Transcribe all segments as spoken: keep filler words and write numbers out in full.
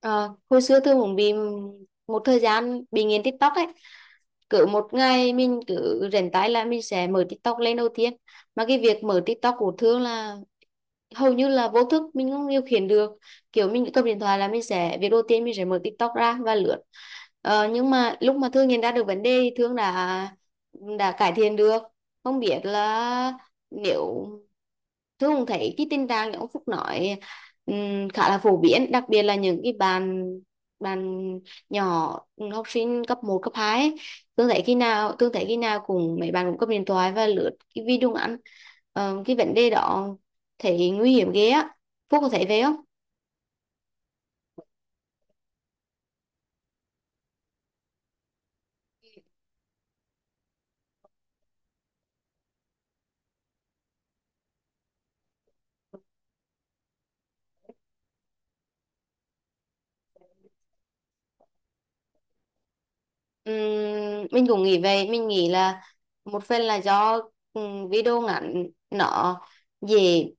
Ờ, Hồi xưa tôi cũng bị một thời gian bị nghiện TikTok ấy. Cứ một ngày mình cứ rảnh tay là mình sẽ mở TikTok lên đầu tiên, mà cái việc mở TikTok của Thương là hầu như là vô thức, mình không điều khiển được. Kiểu mình cầm điện thoại là mình sẽ việc đầu tiên mình sẽ mở TikTok ra và lướt. Ờ, nhưng mà lúc mà Thương nhận ra được vấn đề thì Thương đã đã cải thiện được. Không biết là, nếu Thương cũng thấy cái tình trạng như ông Phúc nói, ừm, khá là phổ biến, đặc biệt là những cái bạn bạn nhỏ, học sinh cấp một cấp hai ấy. Thương thấy khi nào Thương thấy khi nào cùng mấy bạn cũng cầm điện thoại và lướt cái video ngắn. Ờ, cái vấn đề đó thì nguy hiểm ghê á. Phúc có thấy vậy không? Ừm, mình cũng nghĩ về mình nghĩ là một phần là do ừm, video ngắn nó dễ,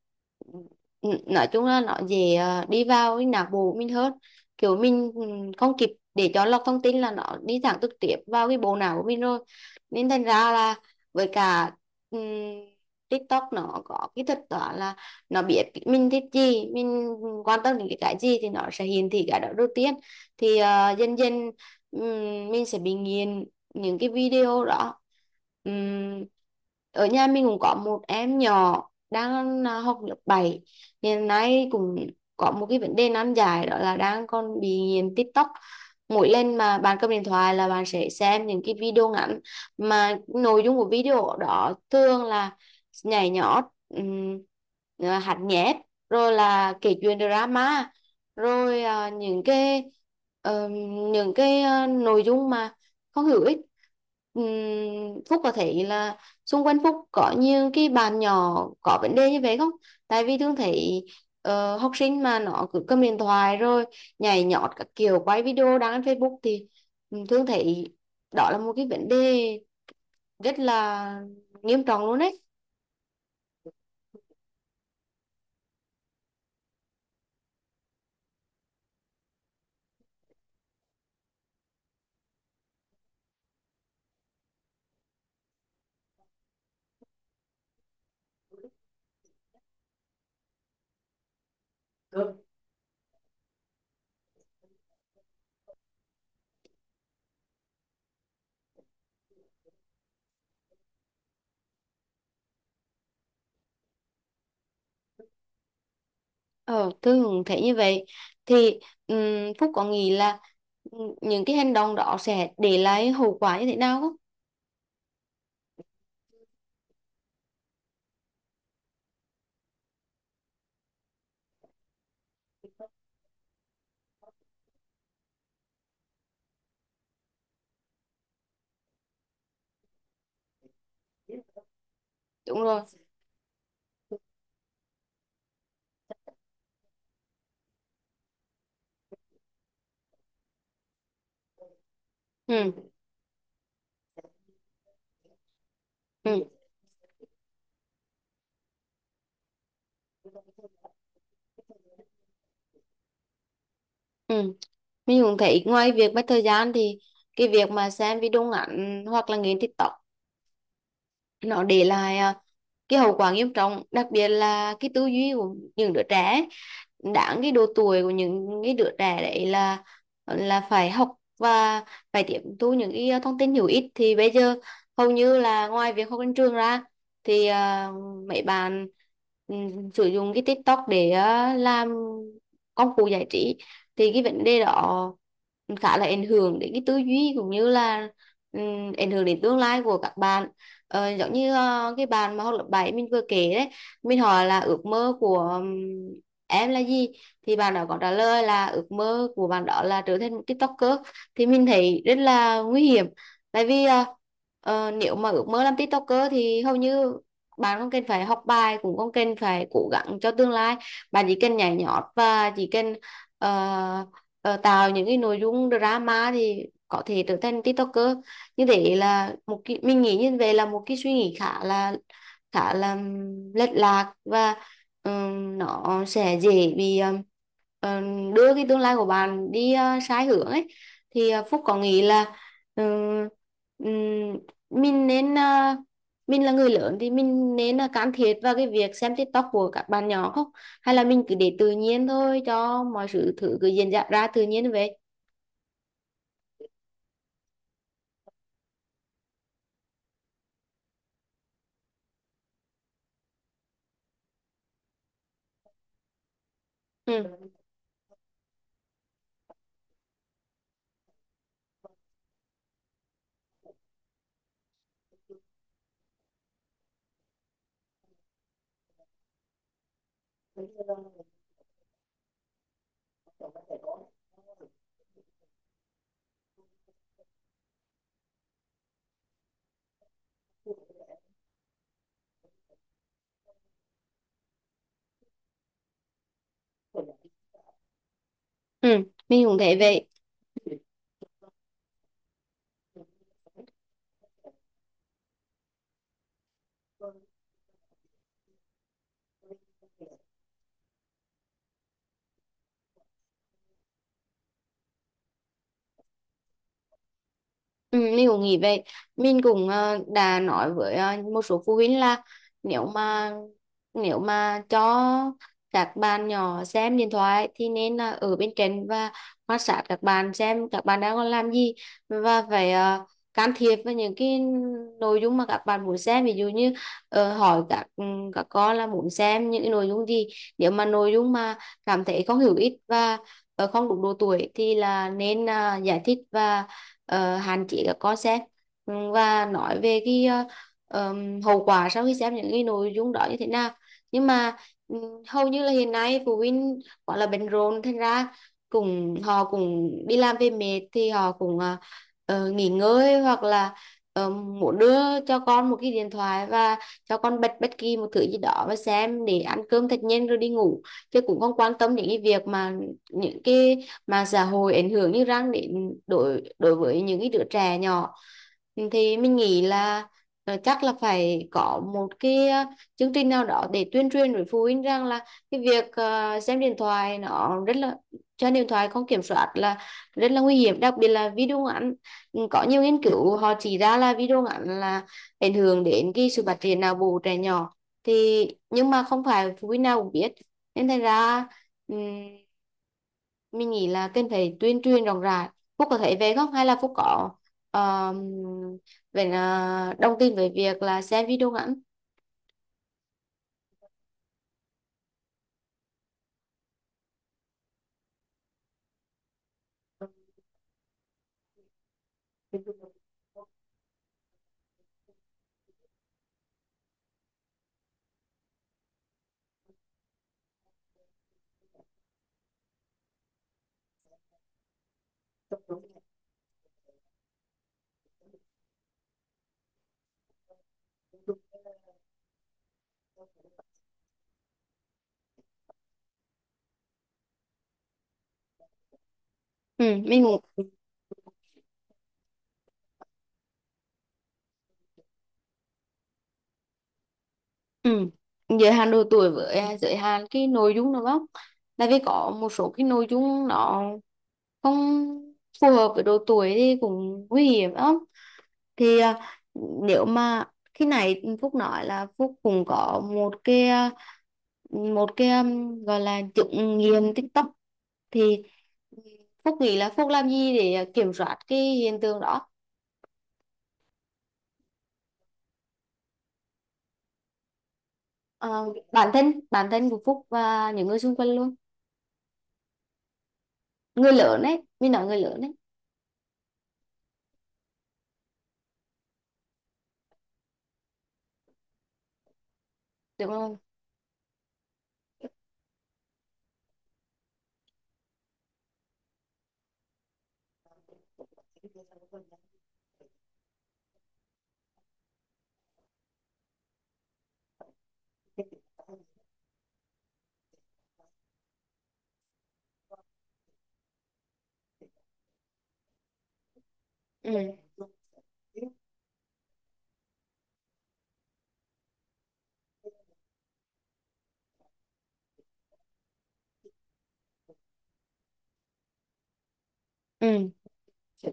n- nói chung là nó dễ ờ, đi vào cái não bộ mình hơn. Kiểu mình ừm, không kịp để cho lọc thông tin, là nó đi thẳng trực tiếp vào cái bộ não của mình rồi. Nên thành ra là, với cả ừm, TikTok nó có cái thật đó là nó biết mình thích gì, mình quan tâm đến cái gì thì nó sẽ hiển thị cái đó đầu tiên. Thì ờ, dần dần Ừm, mình sẽ bị nghiền những cái video đó. Ừm, Ở nhà mình cũng có một em nhỏ đang à, học lớp bảy, hiện nay cũng có một cái vấn đề nan giải đó là đang còn bị nghiện TikTok. Mỗi lần mà bạn cầm điện thoại là bạn sẽ xem những cái video ngắn, mà nội dung của video đó thường là nhảy nhót, um, hát nhép, rồi là kể chuyện drama, rồi à, những cái ờ, những cái ờ, nội dung mà không hữu ích. Ừm, Phúc có thấy là xung quanh Phúc có nhiều cái bạn nhỏ có vấn đề như vậy không? Tại vì thường thấy ờ, học sinh mà nó cứ cầm điện thoại rồi nhảy nhót các kiểu, quay video đăng lên Facebook thì ừm, thường thấy đó là một cái vấn đề rất là nghiêm trọng luôn đấy. Ờ, Thường thấy như vậy thì, ừm, Phúc có nghĩ là ừm, những cái hành động đó sẽ để lại hậu quả như thế nào không? Đúng rồi. Ừ, ừ, ừ. Mình cũng thấy ngoài việc mất thời gian thì cái việc mà xem video ngắn hoặc là nghiền TikTok nó để lại à, cái hậu quả nghiêm trọng, đặc biệt là cái tư duy của những đứa trẻ ấy. Đáng cái độ tuổi của những cái đứa trẻ đấy là là phải học và phải tiếp thu những cái ờ, thông tin hữu ích, thì bây giờ hầu như là ngoài việc học trên trường ra thì à, mấy bạn ừm, sử dụng cái TikTok để à, làm công cụ giải trí. Thì cái vấn đề đó khá là ảnh hưởng đến cái tư duy cũng như là ừm, ảnh hưởng đến tương lai của các bạn. Ờ, giống như ờ, cái bạn mà học lớp bảy mình vừa kể đấy, mình hỏi là ước mơ của, ừm, em là gì, thì bạn đó có trả lời là ước mơ của bạn đó là trở thành một TikToker. Thì mình thấy rất là nguy hiểm, tại vì ờ, ờ, nếu mà ước mơ làm TikToker thì hầu như bạn không cần phải học bài, cũng không cần phải cố gắng cho tương lai. Bạn chỉ cần nhảy nhót, và chỉ cần ờ, ờ, tạo những cái nội dung drama thì có thể trở thành TikToker. Như thế là một cái, mình nghĩ như vậy là một cái suy nghĩ khá là khá là lệch lạc, và ừm, nó sẽ dễ bị ừm, ừm, đưa cái tương lai của bạn đi ờ, sai hướng ấy. Thì ờ, Phúc có nghĩ là ừm, ừm, mình nên ờ, mình là người lớn thì mình nên là can thiệp vào cái việc xem TikTok của các bạn nhỏ không, hay là mình cứ để tự nhiên thôi, cho mọi sự thử cứ diễn ra ra tự nhiên vậy? Ừ. Ừ, mình cũng thấy vậy. Ừ, mình cũng nghĩ vậy. Mình cũng ờ, đã nói với ờ, một số phụ huynh là, nếu mà nếu mà cho các bạn nhỏ xem điện thoại thì nên là ở bên cạnh và quan sát các bạn, xem các bạn đang còn làm gì, và phải ờ, can thiệp vào những cái nội dung mà các bạn muốn xem. Ví dụ như ờ, hỏi các ừ, các con là muốn xem những cái nội dung gì, nếu mà nội dung mà cảm thấy không hữu ích và ờ, không đúng độ tuổi thì là nên ờ, giải thích và ờ, hạn chế các con xem. Ừ, và nói về cái ờ, hậu quả sau khi xem những cái nội dung đó như thế nào. Nhưng mà ừ, hầu như là hiện nay phụ huynh gọi là bận rộn, thành ra cùng họ cũng đi làm về mệt, thì họ cũng ờ, ờ, nghỉ ngơi, hoặc là ờ, muốn đưa cho con một cái điện thoại và cho con bật bất kỳ một thứ gì đó và xem để ăn cơm thật nhanh rồi đi ngủ, chứ cũng không quan tâm đến cái việc mà những cái mạng xã hội ảnh hưởng như răng đến đối đối với những cái đứa trẻ nhỏ. Thì mình nghĩ là ờ, chắc là phải có một cái ờ, chương trình nào đó để tuyên truyền với phụ huynh rằng là cái việc ờ, xem điện thoại nó rất là trên điện thoại không kiểm soát là rất là nguy hiểm, đặc biệt là video ngắn. Ừ, có nhiều nghiên cứu họ chỉ ra là video ngắn là ảnh hưởng đến cái sự phát triển não bộ trẻ nhỏ, thì nhưng mà không phải phụ huynh nào cũng biết. Nên thành ra ừm, mình nghĩ là cần phải tuyên truyền rộng rãi. Phúc có thấy về không, hay là Phúc có, um, vậy là đồng tin với việc là xem video ngắn? Ừ, mình cũng. Ừ, giới hạn độ tuổi với à, giới hạn cái nội dung đúng không? Tại vì có một số cái nội dung nó không phù hợp với độ tuổi thì cũng nguy hiểm lắm. Thì à, nếu mà khi này Phúc nói là Phúc cũng có một cái à, một cái, um, gọi là chứng nghiện TikTok, thì Phúc nghĩ là Phúc làm gì để à, kiểm soát cái hiện tượng đó? Ờ, bản thân bản thân của Phúc và những người xung quanh luôn, người lớn ấy, mình nói người lớn ấy, đúng không? Ừ, ừ. Ừ.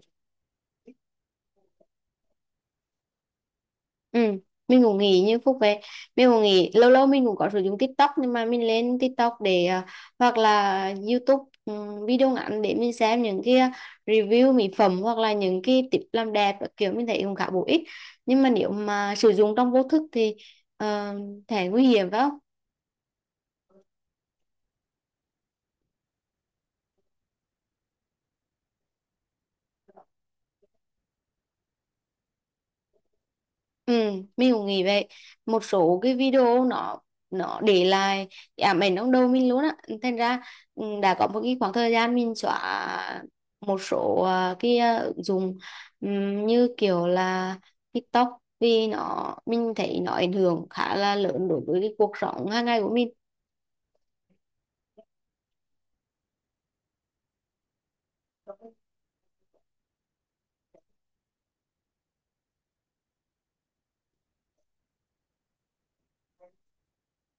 Ừ, mình cũng nghĩ như Phúc về mình cũng nghĩ lâu lâu mình cũng có sử dụng TikTok, nhưng mà mình lên TikTok để à, hoặc là YouTube, ừm, video ngắn, để mình xem những cái à, review mỹ phẩm hoặc là những cái tip làm đẹp các kiểu, mình thấy cũng khá bổ ích. Nhưng mà nếu mà sử dụng trong vô thức thì uh, thể nguy hiểm phải không? Ừ, mình cũng nghĩ vậy. Một số cái video nó nó để lại cái ám ảnh trong đầu mình luôn á. Thành ra ừ, đã có một cái khoảng thời gian mình xóa một số à, cái à, ứng dụng ừm, như kiểu là TikTok, vì nó, mình thấy nó ảnh hưởng khá là lớn đối với cái cuộc sống hàng ngày của mình.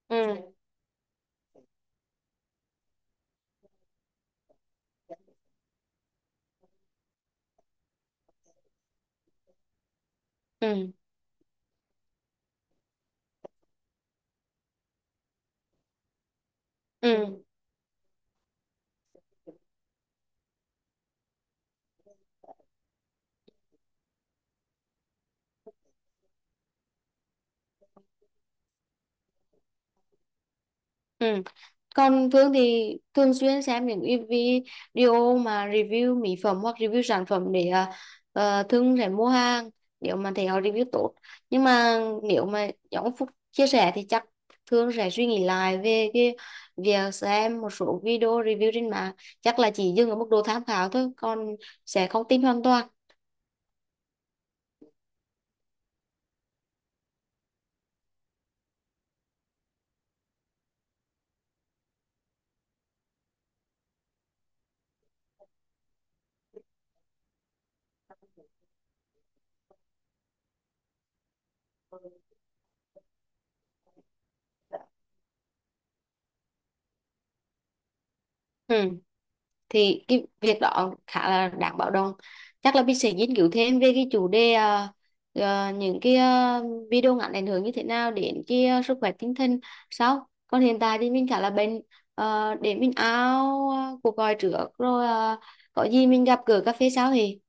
Ừ. Ừ, ừ. Ừ. Còn Thương thì thường xuyên xem những cái video mà review mỹ phẩm hoặc review sản phẩm để à, ờ, Thương sẽ mua hàng nếu mà thấy họ review tốt. Nhưng mà nếu mà giống ông Phúc chia sẻ thì chắc Thương sẽ suy nghĩ lại về cái việc xem một số video review trên mạng. Chắc là chỉ dừng ở mức độ tham khảo thôi, còn sẽ không tin hoàn toàn. Ừ. Thì cái việc đó khá là đáng báo động. Chắc là mình sẽ nghiên cứu thêm về cái chủ đề ờ, ờ, những cái ờ, video ngắn ảnh hưởng như thế nào đến cái ờ, sức khỏe tinh thần sau. Còn hiện tại thì mình khá là bệnh, ờ, để mình áo ờ, cuộc gọi trước rồi, ờ, có gì mình gặp gỡ cà phê sau thì